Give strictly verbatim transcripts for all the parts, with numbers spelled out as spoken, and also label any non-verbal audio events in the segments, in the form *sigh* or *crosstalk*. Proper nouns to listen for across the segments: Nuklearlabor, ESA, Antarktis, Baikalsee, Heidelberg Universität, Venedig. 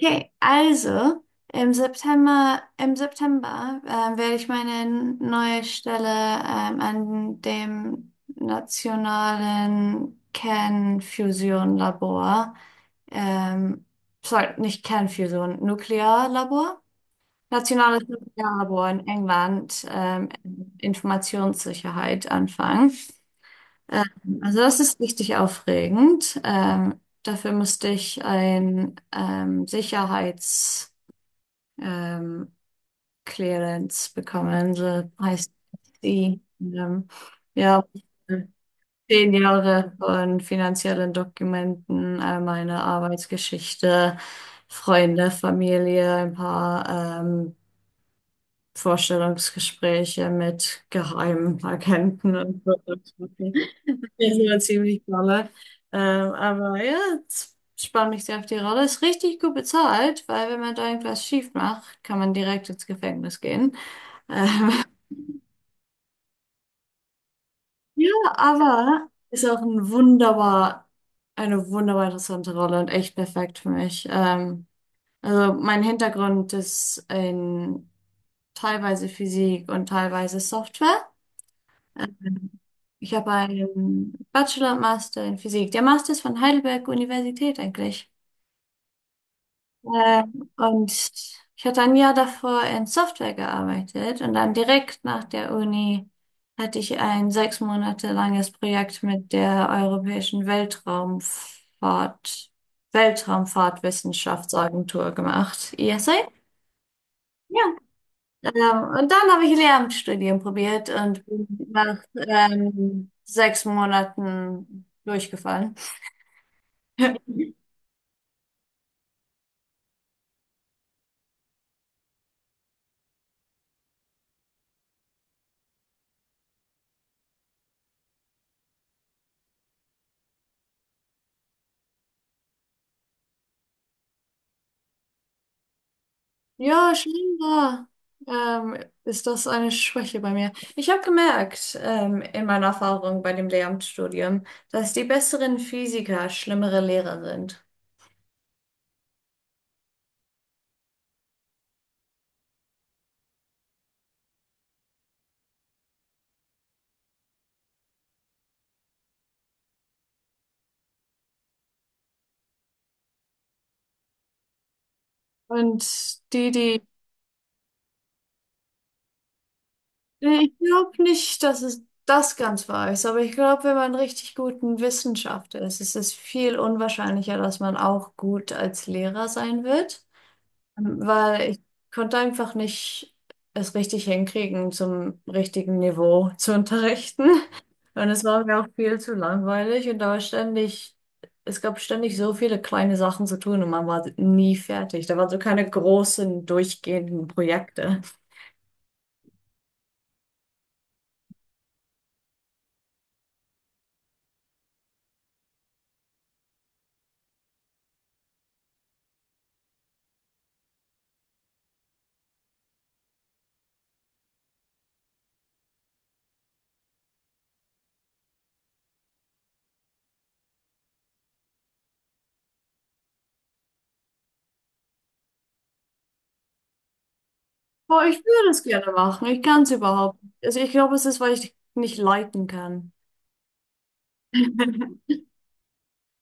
Okay, also im September, im September ähm, werde ich meine neue Stelle ähm, an dem nationalen Kernfusion-Labor, ähm, sorry, nicht Kernfusion, Nuklearlabor, nationales Nuklearlabor in England, ähm, Informationssicherheit anfangen. Ähm, also das ist richtig aufregend. Ähm, dafür musste ich ein ähm, Sicherheits ähm, Clearance bekommen, so heißt die. Ähm, ja, zehn Jahre von finanziellen Dokumenten, äh, meine Arbeitsgeschichte, Freunde, Familie, ein paar ähm, Vorstellungsgespräche mit Geheimagenten und so. Das war ziemlich dolle. Ähm, aber ja, jetzt spann mich sehr auf die Rolle. Ist richtig gut bezahlt, weil wenn man da irgendwas schief macht, kann man direkt ins Gefängnis gehen. Ähm, *laughs* ja, aber ist auch ein wunderbar, eine wunderbar interessante Rolle und echt perfekt für mich. Ähm, also mein Hintergrund ist in teilweise Physik und teilweise Software. Ähm, Ich habe einen Bachelor und Master in Physik. Der Master ist von Heidelberg Universität eigentlich. Ähm, und ich hatte ein Jahr davor in Software gearbeitet und dann direkt nach der Uni hatte ich ein sechs Monate langes Projekt mit der Europäischen Weltraumfahrt, Weltraumfahrtwissenschaftsagentur gemacht, ESA. Ja, ähm, und dann habe ich Lehramtsstudien probiert und bin nach ähm, sechs Monaten durchgefallen. *laughs* Ja, scheinbar ähm, ist das eine Schwäche bei mir. Ich habe gemerkt, ähm, in meiner Erfahrung bei dem Lehramtsstudium, dass die besseren Physiker schlimmere Lehrer sind. Und die, die, ich glaube nicht, dass es das ganz wahr ist, aber ich glaube, wenn man richtig gut in Wissenschaft ist, ist es viel unwahrscheinlicher, dass man auch gut als Lehrer sein wird. Ähm, weil ich konnte einfach nicht es richtig hinkriegen, zum richtigen Niveau zu unterrichten. Und es war mir auch viel zu langweilig und da war ständig, es gab ständig so viele kleine Sachen zu tun und man war nie fertig. Da waren so keine großen, durchgehenden Projekte. Boah, ich würde es gerne machen. Ich kann es überhaupt nicht. Also ich glaube, es ist, weil ich nicht leiten kann. *laughs*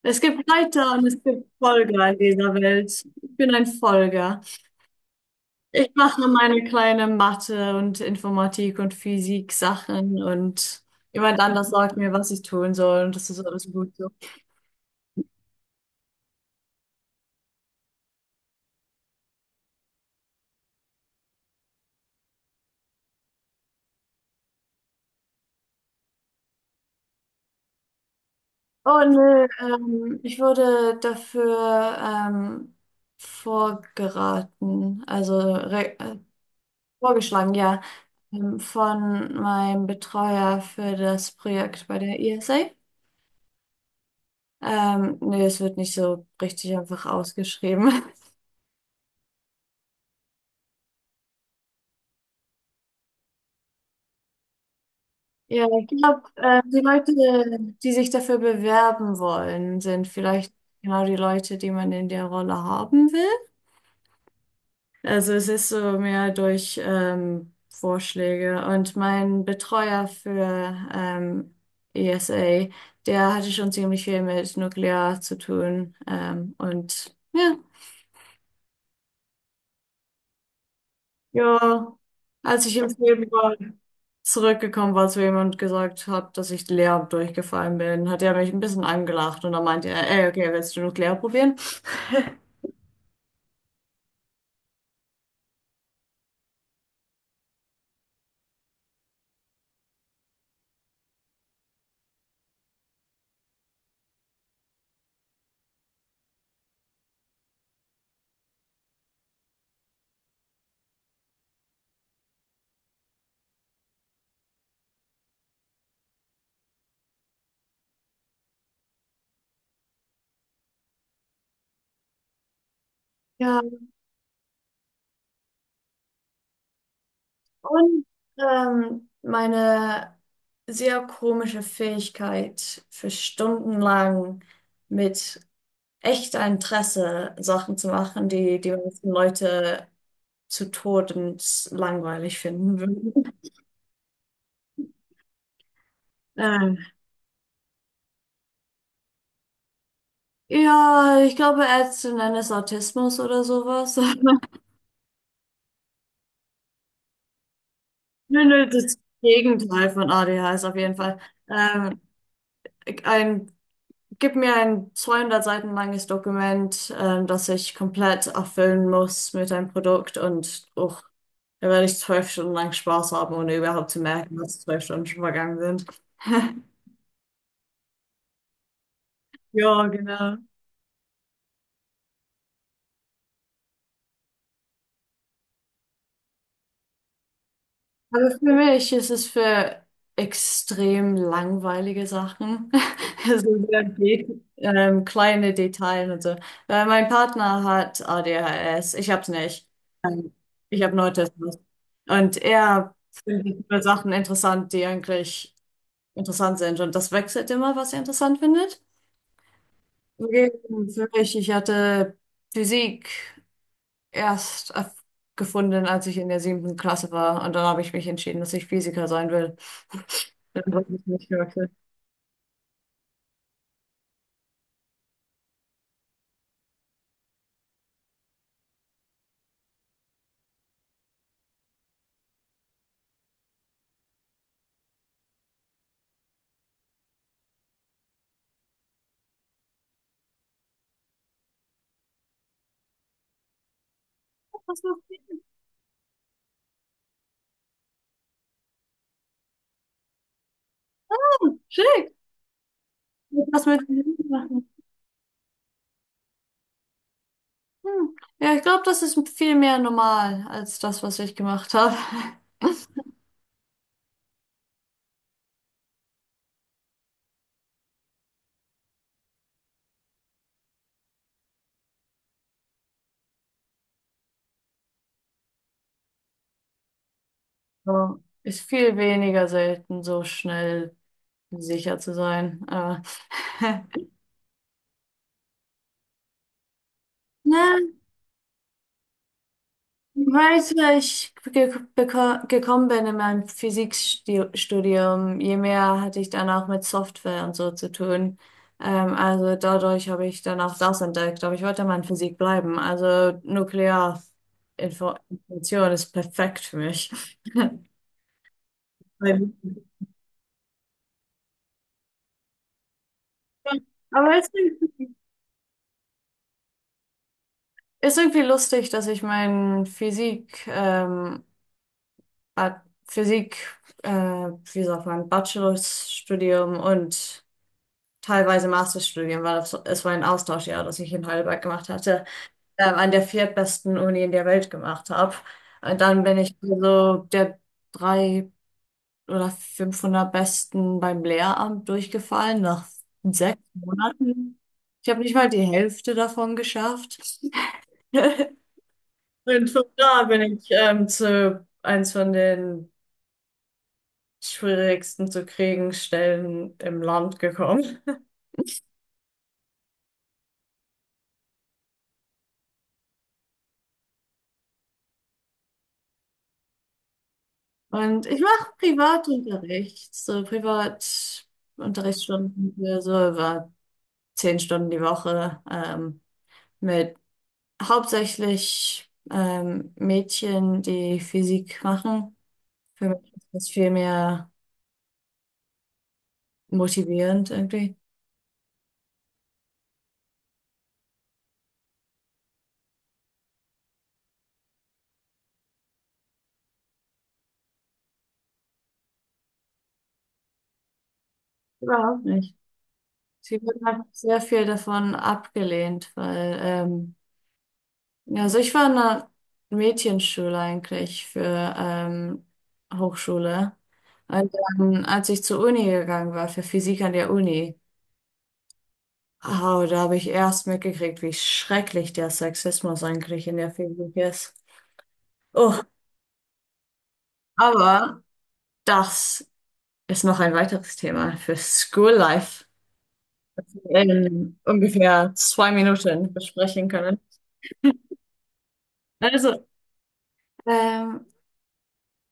Es gibt Leiter und es gibt Folger in dieser Welt. Ich bin ein Folger. Ich mache meine kleine Mathe und Informatik und Physik Sachen und jemand anders sagt mir, was ich tun soll und das ist alles gut so. Oh nö, ähm, ich wurde dafür ähm, vorgeraten, also re äh, vorgeschlagen, ja, ähm, von meinem Betreuer für das Projekt bei der ESA. Ähm, nee, es wird nicht so richtig einfach ausgeschrieben. *laughs* Ja, ich glaube, äh, die Leute, die sich dafür bewerben wollen, sind vielleicht genau die Leute, die man in der Rolle haben will. Also es ist so mehr durch ähm, Vorschläge. Und mein Betreuer für ähm, ESA, der hatte schon ziemlich viel mit Nuklear zu tun. Ähm, und ja, ja, als ich im Februar zurückgekommen war zu ihm und gesagt habe, dass ich Lehramt durchgefallen bin, hat er mich ein bisschen angelacht und dann meinte er, ey, okay, willst du Nuklear probieren? Ja. Und ähm, meine sehr komische Fähigkeit, für stundenlang mit echter Interesse Sachen zu machen, die die meisten Leute zu Tode langweilig finden würden. Ähm, ja, ich glaube, Ärzte nennen es Autismus oder sowas. *laughs* Nö, nö, das Gegenteil von A D H S auf jeden Fall. Ähm, ein Gib mir ein zweihundert Seiten langes Dokument, ähm, das ich komplett erfüllen muss mit einem Produkt und uch, da werde ich zwölf Stunden lang Spaß haben, ohne überhaupt zu merken, dass zwölf Stunden schon vergangen sind. *laughs* Ja, genau. Also für mich ist es für extrem langweilige Sachen, *laughs* also sehr de ähm, kleine Details und so. Weil mein Partner hat A D H S, ich hab's nicht. Ähm, Ich habe Autismus. Und er findet nur Sachen interessant, die eigentlich interessant sind. Und das wechselt immer, was er interessant findet. Hingegen für mich, ich hatte Physik erst erf- gefunden, als ich in der siebten Klasse war. Und dann habe ich mich entschieden, dass ich Physiker sein will. *laughs* Dann wollte ich nicht mehr. Was machst. Hm, schick. Was mit mir machen? Hm. Ja, ich glaube, das ist viel mehr normal als das, was ich gemacht habe. *laughs* So, ist viel weniger selten, so schnell sicher zu sein. Aber *laughs* na, weißt du, ich ge beko- gekommen bin in meinem Physikstudium, je mehr hatte ich dann auch mit Software und so zu tun. Ähm, also dadurch habe ich dann auch das entdeckt, aber ich wollte mal in Physik bleiben. Also Nuklearinformation ist perfekt für mich. *laughs* Weil- Aber es ist irgendwie ist irgendwie lustig, dass ich mein Physik, ähm, Ad- Physik, äh, wie sagt man, Bachelorstudium und teilweise Masterstudium, weil das, es war ein Austauschjahr, das ich in Heidelberg gemacht hatte, ähm, an der viertbesten Uni in der Welt gemacht habe. Und dann bin ich so der drei oder fünfhundert Besten beim Lehramt durchgefallen nach sechs Monaten. Ich habe nicht mal die Hälfte davon geschafft. *laughs* Und von da bin ich ähm, zu eins von den schwierigsten zu kriegen Stellen im Land gekommen. Und ich mache Privatunterricht, so Privatunterrichtsstunden für so über zehn Stunden die Woche ähm, mit hauptsächlich ähm, Mädchen, die Physik machen. Für mich ist das viel mehr motivierend irgendwie. Überhaupt nicht. Sie wird einfach sehr viel davon abgelehnt, weil ähm, Ja, also ich war in einer Mädchenschule eigentlich für ähm, Hochschule. Und dann, als ich zur Uni gegangen war, für Physik an der Uni, oh, da habe ich erst mitgekriegt, wie schrecklich der Sexismus eigentlich in der Physik ist. Oh, aber das ist noch ein weiteres Thema für School Life in ungefähr zwei Minuten besprechen können. Also, ähm,